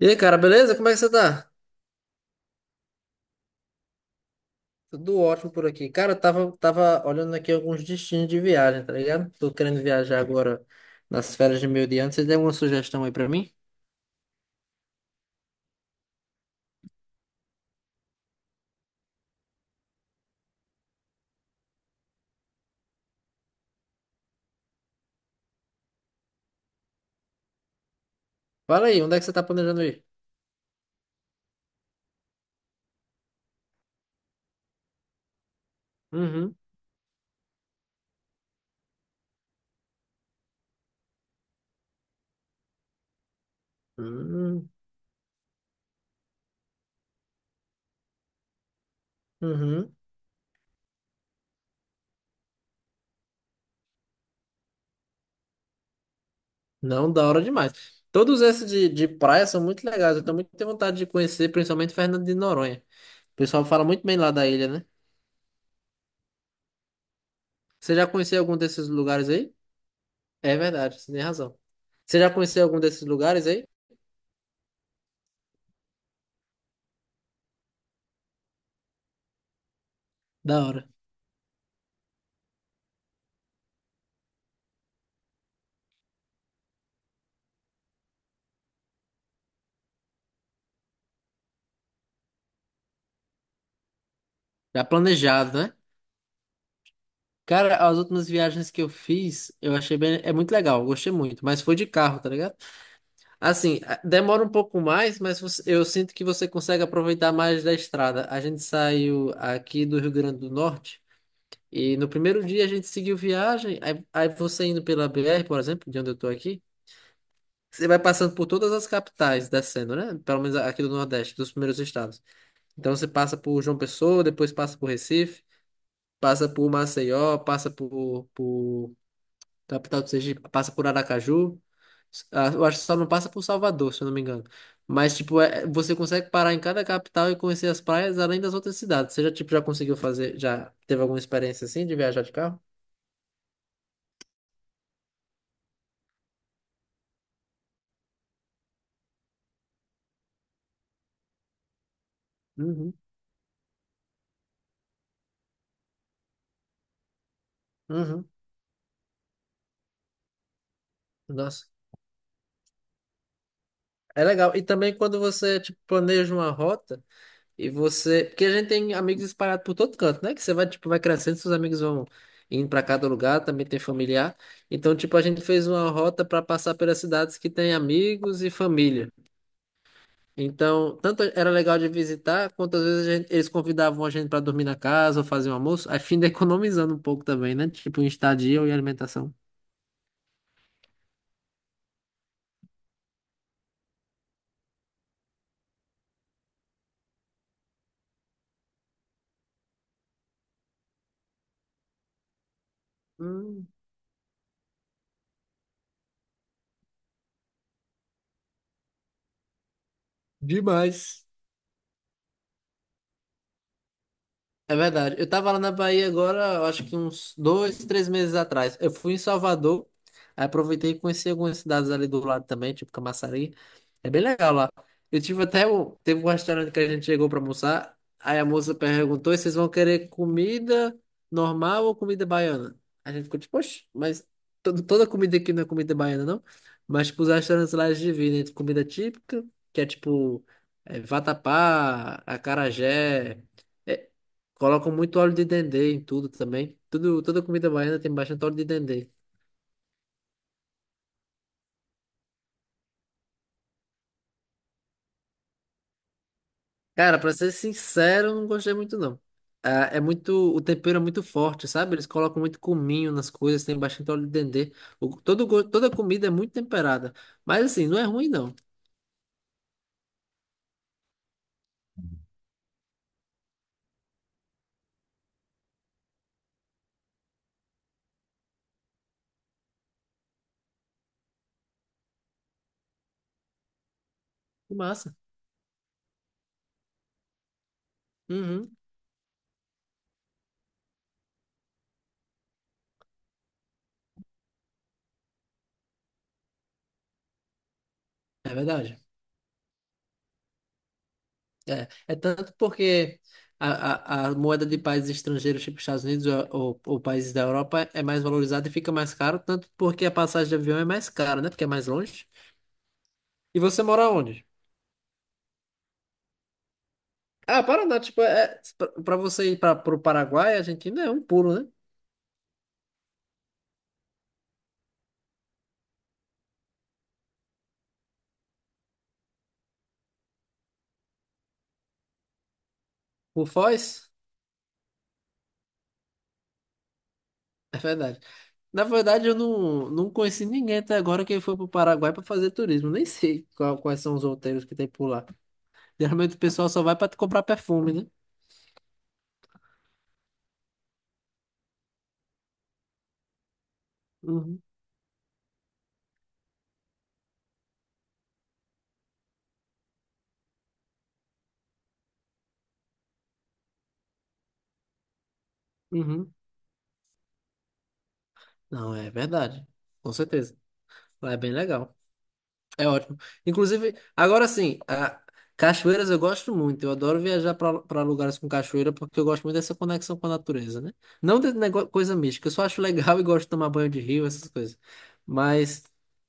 E aí, cara, beleza? Como é que você tá? Tudo ótimo por aqui. Cara, eu tava, olhando aqui alguns destinos de viagem, tá ligado? Tô querendo viajar agora nas férias de meio de ano. Você tem alguma sugestão aí pra mim? Fala aí, onde é que você tá planejando ir? Uhum. Hum. Uhum. Não, da hora demais. Todos esses de praia são muito legais. Eu também tenho vontade de conhecer, principalmente Fernando de Noronha. O pessoal fala muito bem lá da ilha, né? Você já conheceu algum desses lugares aí? É verdade, você tem razão. Você já conheceu algum desses lugares aí? Da hora. Já planejado, né? Cara, as últimas viagens que eu fiz, eu achei bem, é muito legal, eu gostei muito, mas foi de carro, tá ligado? Assim, demora um pouco mais, mas eu sinto que você consegue aproveitar mais da estrada. A gente saiu aqui do Rio Grande do Norte e no primeiro dia a gente seguiu viagem, aí você indo pela BR, por exemplo, de onde eu tô aqui, você vai passando por todas as capitais descendo, né? Pelo menos aqui do Nordeste, dos primeiros estados. Então você passa por João Pessoa, depois passa por Recife, passa por Maceió, passa por Capital do Sergipe, passa por Aracaju. Ah, eu acho que só não passa por Salvador, se eu não me engano. Mas, tipo, você consegue parar em cada capital e conhecer as praias além das outras cidades. Você já, tipo, já conseguiu fazer, já teve alguma experiência assim de viajar de carro? Uhum. Uhum. Nossa, é legal. E também quando você, tipo, planeja uma rota. E você, porque a gente tem amigos espalhados por todo canto, né? Que você vai, tipo, vai crescendo, seus amigos vão indo para cada lugar, também tem familiar. Então, tipo, a gente fez uma rota para passar pelas cidades que tem amigos e família. Então, tanto era legal de visitar, quanto às vezes eles convidavam a gente para dormir na casa ou fazer um almoço, a fim de economizando um pouco também, né? Tipo, em estadia e alimentação. Hum, demais. É verdade. Eu tava lá na Bahia agora, eu acho que uns dois, três meses atrás. Eu fui em Salvador, aí aproveitei e conheci algumas cidades ali do lado também, tipo Camaçari. É bem legal lá. Eu tive até teve um restaurante que a gente chegou pra almoçar, aí a moça perguntou se vocês vão querer comida normal ou comida baiana. A gente ficou tipo, poxa, mas toda comida aqui não é comida baiana, não? Mas tipo, os restaurantes lá eles dividem entre comida típica, que é tipo é, vatapá, acarajé. É, colocam muito óleo de dendê em tudo também. Tudo, toda comida baiana tem bastante óleo de dendê. Cara, pra ser sincero, eu não gostei muito não. Ah, é muito, o tempero é muito forte, sabe? Eles colocam muito cominho nas coisas, tem bastante óleo de dendê. Toda comida é muito temperada. Mas assim, não é ruim não. Que massa. Uhum, é verdade. É, é tanto porque a moeda de países estrangeiros, tipo Estados Unidos ou países da Europa, é mais valorizada e fica mais caro, tanto porque a passagem de avião é mais cara, né? Porque é mais longe. E você mora onde? Ah, Paraná, tipo, é, pra você ir para pro Paraguai, a Argentina é um pulo, né? Por Foz? É verdade. Na verdade, eu não, não conheci ninguém até agora que foi pro Paraguai para fazer turismo. Nem sei quais são os roteiros que tem por lá. Geralmente o pessoal só vai para comprar perfume, né? Uhum, uhum. Não, é verdade. Com certeza. Lá é bem legal. É ótimo. Inclusive, agora sim, cachoeiras eu gosto muito. Eu adoro viajar para lugares com cachoeira porque eu gosto muito dessa conexão com a natureza, né? Não de nego- Coisa mística, eu só acho legal e gosto de tomar banho de rio, essas coisas. Mas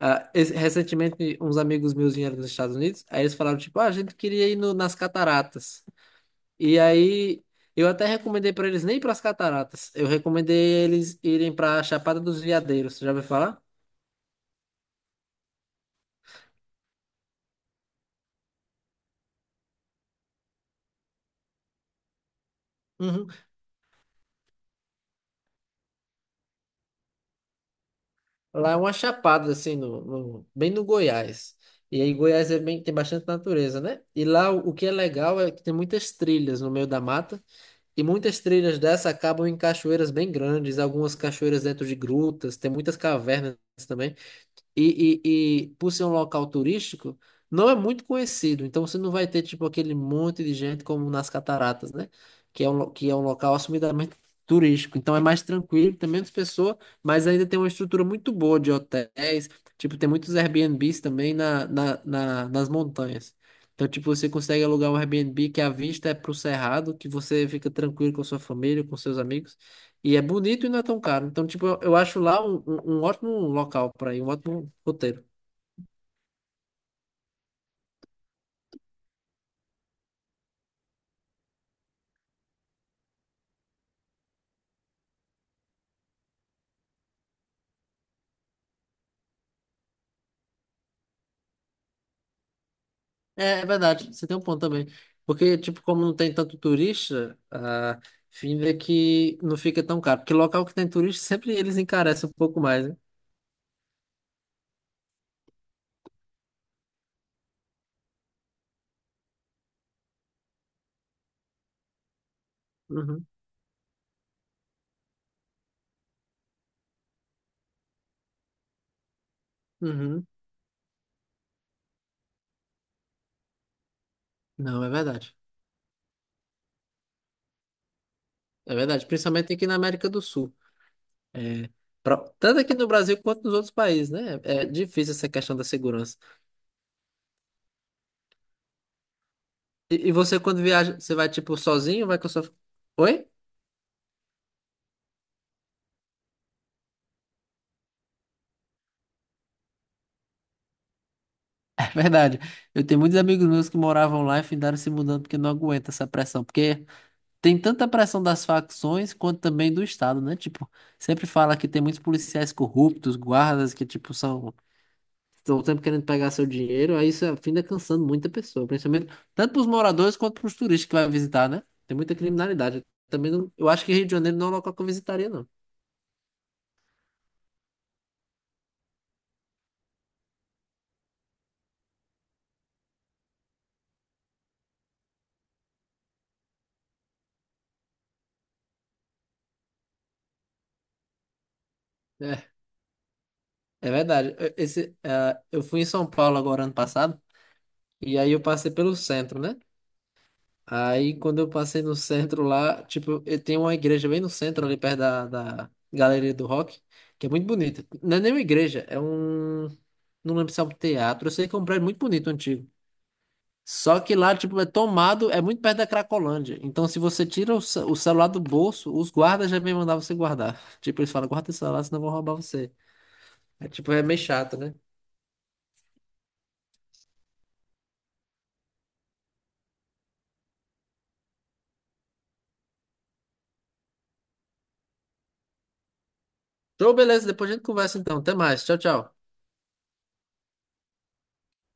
recentemente uns amigos meus vieram dos Estados Unidos, aí eles falaram tipo, ah, a gente queria ir nas cataratas. E aí eu até recomendei para eles nem para as cataratas. Eu recomendei eles irem para a Chapada dos Veadeiros. Você já ouviu falar? Uhum. Lá é uma chapada, assim, bem no Goiás. E aí Goiás é bem, tem bastante natureza, né? E lá o que é legal é que tem muitas trilhas no meio da mata. E muitas trilhas dessa acabam em cachoeiras bem grandes, algumas cachoeiras dentro de grutas, tem muitas cavernas também. E por ser um local turístico, não é muito conhecido. Então você não vai ter tipo aquele monte de gente como nas Cataratas, né? Que é um, que é um local assumidamente turístico. Então é mais tranquilo, tem menos pessoa, mas ainda tem uma estrutura muito boa de hotéis. Tipo, tem muitos Airbnbs também nas montanhas. Então, tipo, você consegue alugar um Airbnb que a vista é pro cerrado, que você fica tranquilo com a sua família, com seus amigos. E é bonito e não é tão caro. Então, tipo, eu acho lá um ótimo local para ir, um ótimo roteiro. É, é verdade, você tem um ponto também. Porque, tipo, como não tem tanto turista, a fim é que não fica tão caro. Porque local que tem turista, sempre eles encarecem um pouco mais, né? Uhum, uhum. Não, é verdade. É verdade, principalmente aqui na América do Sul. É, pra- tanto aqui no Brasil quanto nos outros países, né? É difícil essa questão da segurança. E você, quando viaja, você vai, tipo, sozinho? Ou vai com a sua... Oi? É verdade. Eu tenho muitos amigos meus que moravam lá e findaram se mudando porque não aguenta essa pressão. Porque tem tanta pressão das facções quanto também do Estado, né? Tipo, sempre fala que tem muitos policiais corruptos, guardas que, tipo, são. Estão sempre querendo pegar seu dinheiro. Aí isso finda cansando muita pessoa, principalmente tanto para os moradores quanto para os turistas que vai visitar, né? Tem muita criminalidade. Também não, eu acho que Rio de Janeiro não é um local que eu visitaria, não. É, é verdade. Eu fui em São Paulo agora ano passado, e aí eu passei pelo centro, né? Aí quando eu passei no centro lá, tipo, eu tenho uma igreja bem no centro, ali perto da Galeria do Rock, que é muito bonita. Não é nem uma igreja, é um. Não lembro se é um teatro, eu sei que é um prédio muito bonito, antigo. Só que lá, tipo, é tomado, é muito perto da Cracolândia. Então, se você tira o celular do bolso, os guardas já vêm mandar você guardar. Tipo, eles falam, guarda o celular, senão vão roubar você. É tipo, é meio chato, né? Então, beleza, depois a gente conversa então. Até mais. Tchau, tchau.